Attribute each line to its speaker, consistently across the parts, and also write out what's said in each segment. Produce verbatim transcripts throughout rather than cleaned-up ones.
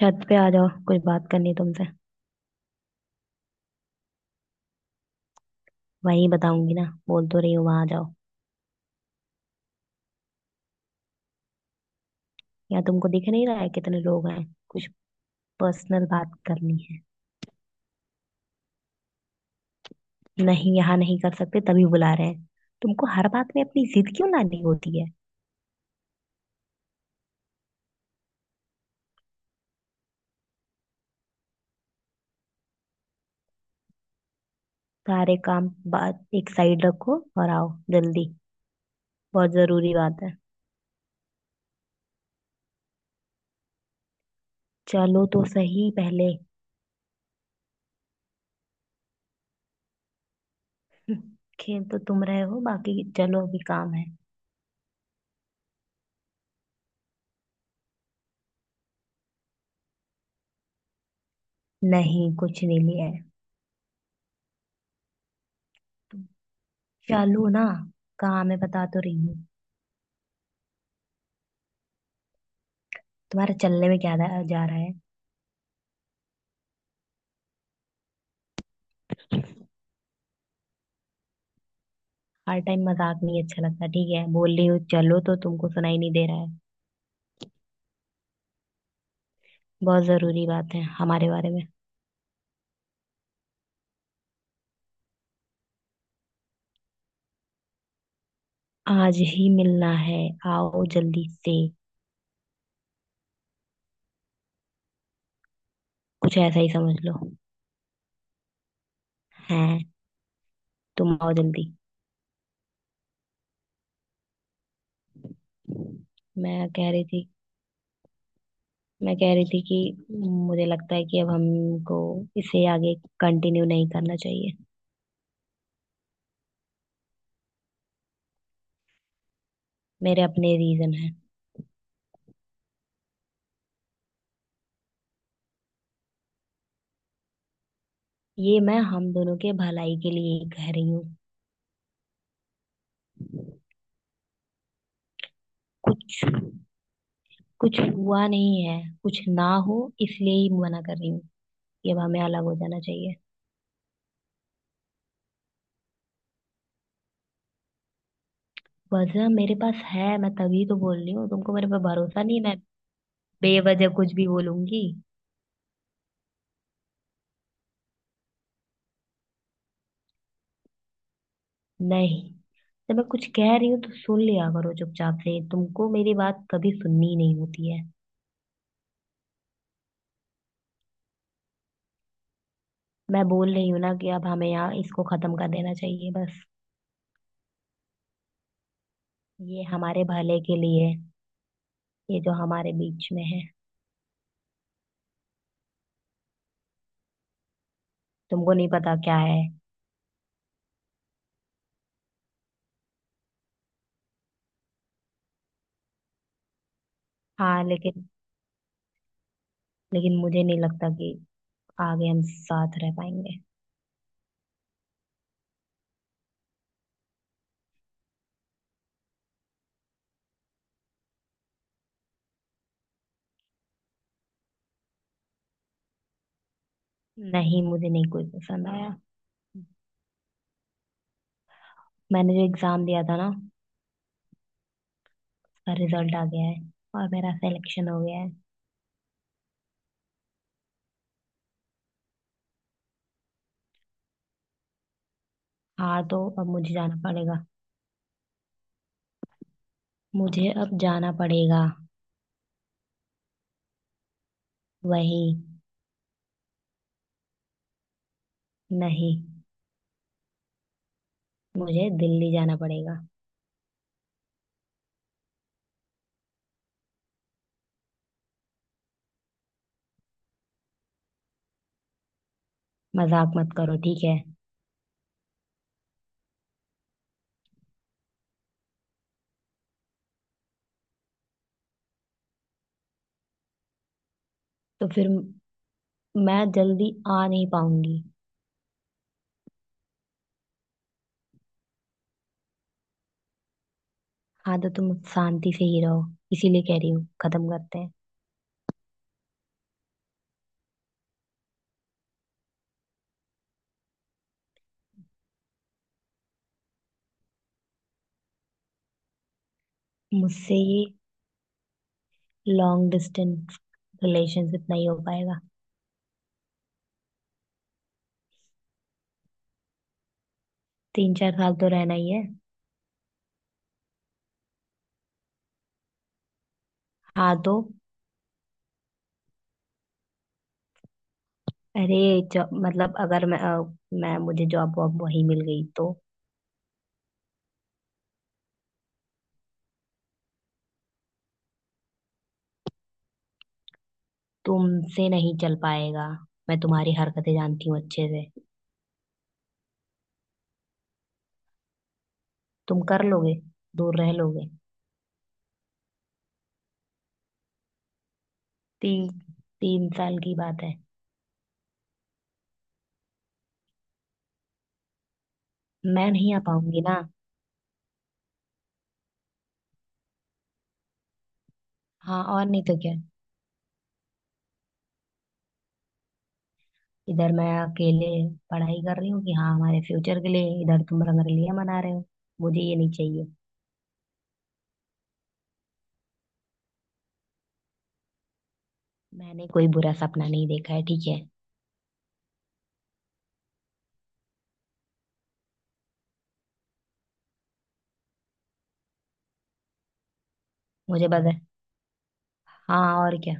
Speaker 1: छत पे आ जाओ। कुछ बात करनी है तुमसे। वही बताऊंगी ना, बोल तो रही हो वहां जाओ। यहाँ तुमको दिख नहीं रहा है कितने लोग हैं। कुछ पर्सनल बात करनी है। नहीं, यहाँ नहीं कर सकते तभी बुला रहे हैं। तुमको हर बात में अपनी जिद क्यों लानी होती है? सारे काम बात एक साइड रखो और आओ जल्दी। बहुत जरूरी बात है। चलो तो सही पहले। हम्म। खेल तो तुम रहे हो, बाकी चलो अभी काम है। नहीं, कुछ नहीं लिया है। तुम चलो ना, काम है बता तो रही हूँ। तुम्हारा चलने में क्या जा जा रहा है? हर टाइम मजाक नहीं अच्छा लगता, ठीक है? बोल रही हूँ चलो तो, तुमको सुनाई नहीं दे रहा है? बहुत जरूरी बात है हमारे बारे में। आज ही मिलना है, आओ जल्दी से। कुछ ऐसा ही समझ लो। हैं। तुम आओ जल्दी। मैं कह रही थी मैं कह रही थी कि मुझे लगता है कि अब हमको इसे आगे कंटिन्यू नहीं करना चाहिए। मेरे अपने रीजन है। ये मैं हम दोनों के भलाई के लिए ही कह रही हूँ। कुछ कुछ हुआ नहीं है। कुछ ना हो इसलिए ही मना कर रही हूँ। ये अब हमें अलग हो जाना चाहिए। वजह मेरे पास है, मैं तभी तो बोल रही हूँ। तुमको मेरे पे भरोसा नहीं है, मैं बेवजह कुछ भी बोलूंगी? नहीं। जब मैं कुछ कह रही हूँ तो सुन लिया करो चुपचाप से, तुमको मेरी बात कभी सुननी ही नहीं होती है। मैं बोल रही हूँ ना कि अब हमें यहाँ इसको खत्म कर देना चाहिए, बस। ये हमारे भले के लिए है, ये जो हमारे बीच में है। तुमको नहीं पता क्या है? हाँ लेकिन, लेकिन मुझे नहीं लगता कि आगे हम साथ रह पाएंगे। नहीं, मुझे नहीं कोई पसंद आया। मैंने जो एग्जाम दिया था ना उसका रिजल्ट आ गया है और मेरा सिलेक्शन हो गया है। हाँ, तो अब मुझे जाना पड़ेगा। मुझे अब जाना पड़ेगा। वही। नहीं, मुझे दिल्ली जाना पड़ेगा। मजाक मत करो, ठीक है? तो फिर मैं जल्दी आ नहीं पाऊंगी। हाँ तो तुम शांति से ही रहो, इसीलिए कह रही हूँ खत्म करते हैं। मुझसे ये लॉन्ग डिस्टेंस रिलेशनशिप नहीं हो पाएगा। तीन चार साल तो रहना ही है। हाँ तो, अरे जॉब, मतलब अगर मैं अ, मैं मुझे जॉब वॉब वही मिल गई तो? तुमसे नहीं चल पाएगा। मैं तुम्हारी हरकतें जानती हूँ अच्छे से। तुम कर लोगे, दूर रह लोगे? तीन तीन साल की बात है। मैं नहीं आ पाऊंगी ना। हाँ, और नहीं तो क्या। इधर मैं अकेले पढ़ाई कर रही हूँ कि हाँ हमारे फ्यूचर के लिए, इधर तुम रंगरेलियां मना रहे हो। मुझे ये नहीं चाहिए। मैंने कोई बुरा सपना नहीं देखा है, ठीक है? मुझे बस, हाँ और क्या।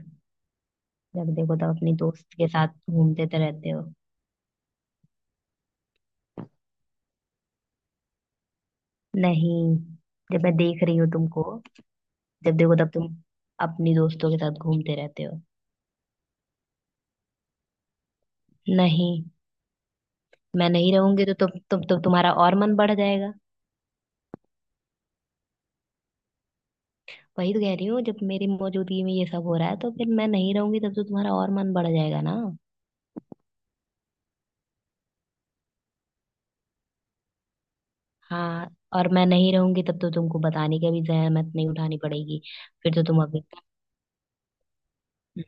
Speaker 1: जब देखो तब अपनी दोस्त के साथ घूमते तो रहते हो। नहीं, जब मैं देख रही हूँ तुमको। जब देखो तब तुम अपनी दोस्तों के साथ घूमते रहते हो। नहीं। मैं नहीं रहूंगी तो तुम तुम तो तुम्हारा और मन बढ़ जाएगा। वही तो कह रही हूँ, जब मेरी मौजूदगी में ये सब हो रहा है तो फिर मैं नहीं रहूंगी तब तो तुम्हारा और मन बढ़ जाएगा ना। हाँ, और मैं नहीं रहूंगी तब तो तुमको बताने की भी जहमत नहीं उठानी पड़ेगी। फिर तो तुम अभी तो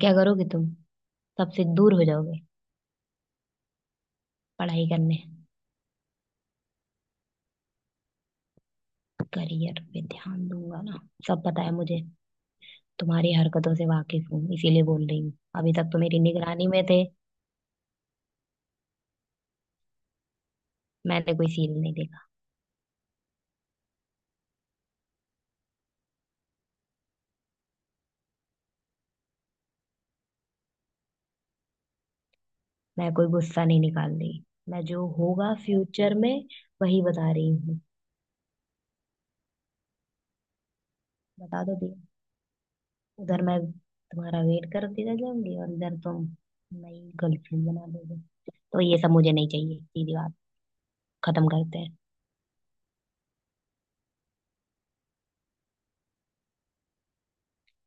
Speaker 1: क्या करोगे तुम? सबसे दूर हो जाओगे? पढ़ाई करने। करियर पे ध्यान दूंगा ना, सब पता है मुझे। तुम्हारी हरकतों से वाकिफ हूँ, इसीलिए बोल रही हूँ अभी तक तो मेरी निगरानी में थे। मैंने कोई सीन नहीं देखा। मैं कोई गुस्सा नहीं निकाल रही। मैं जो होगा फ्यूचर में वही बता रही हूँ। बता दो भैया। उधर मैं तुम्हारा वेट करती रह जाऊंगी और इधर तुम नई गर्लफ्रेंड बना दोगे। तो ये सब मुझे नहीं चाहिए, सीधी बात, खत्म करते हैं।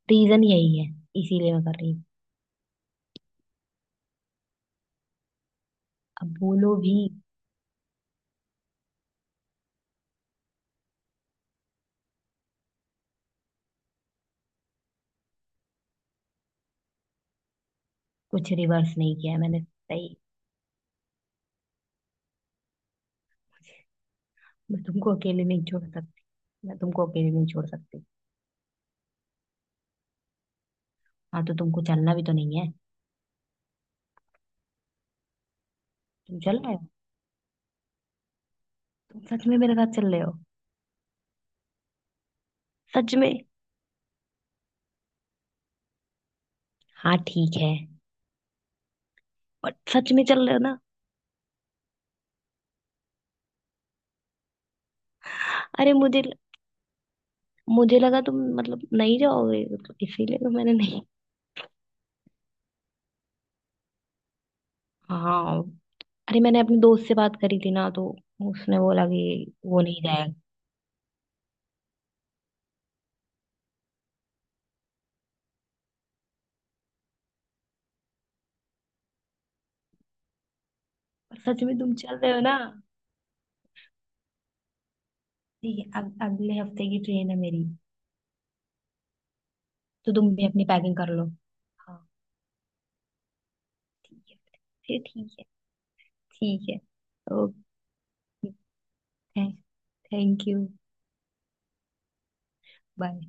Speaker 1: रीजन यही है, इसीलिए मैं कर रही हूँ। अब बोलो भी। कुछ रिवर्स नहीं किया है मैंने, सही। मैं तुमको अकेले नहीं छोड़ सकती। मैं तुमको अकेले नहीं छोड़ सकती। हाँ तो तुमको चलना भी तो नहीं है। तुम चल रहे हो? तुम सच में मेरे साथ चल रहे हो? सच में? हाँ ठीक है। और सच में चल रहे हो ना? अरे मुझे मुझे लगा तुम मतलब नहीं जाओगे, मतलब इसीलिए तो मैंने नहीं। हाँ, अरे मैंने अपने दोस्त से बात करी थी ना तो उसने बोला कि वो नहीं जाएगा। पर सच में तुम चल रहे हो ना? ठीक है, अग, अगले हफ्ते की ट्रेन है मेरी। तो तुम भी अपनी पैकिंग कर लो। हाँ ठीक है फिर। ठीक है। ठीक है। ओके। Thank you. बाय।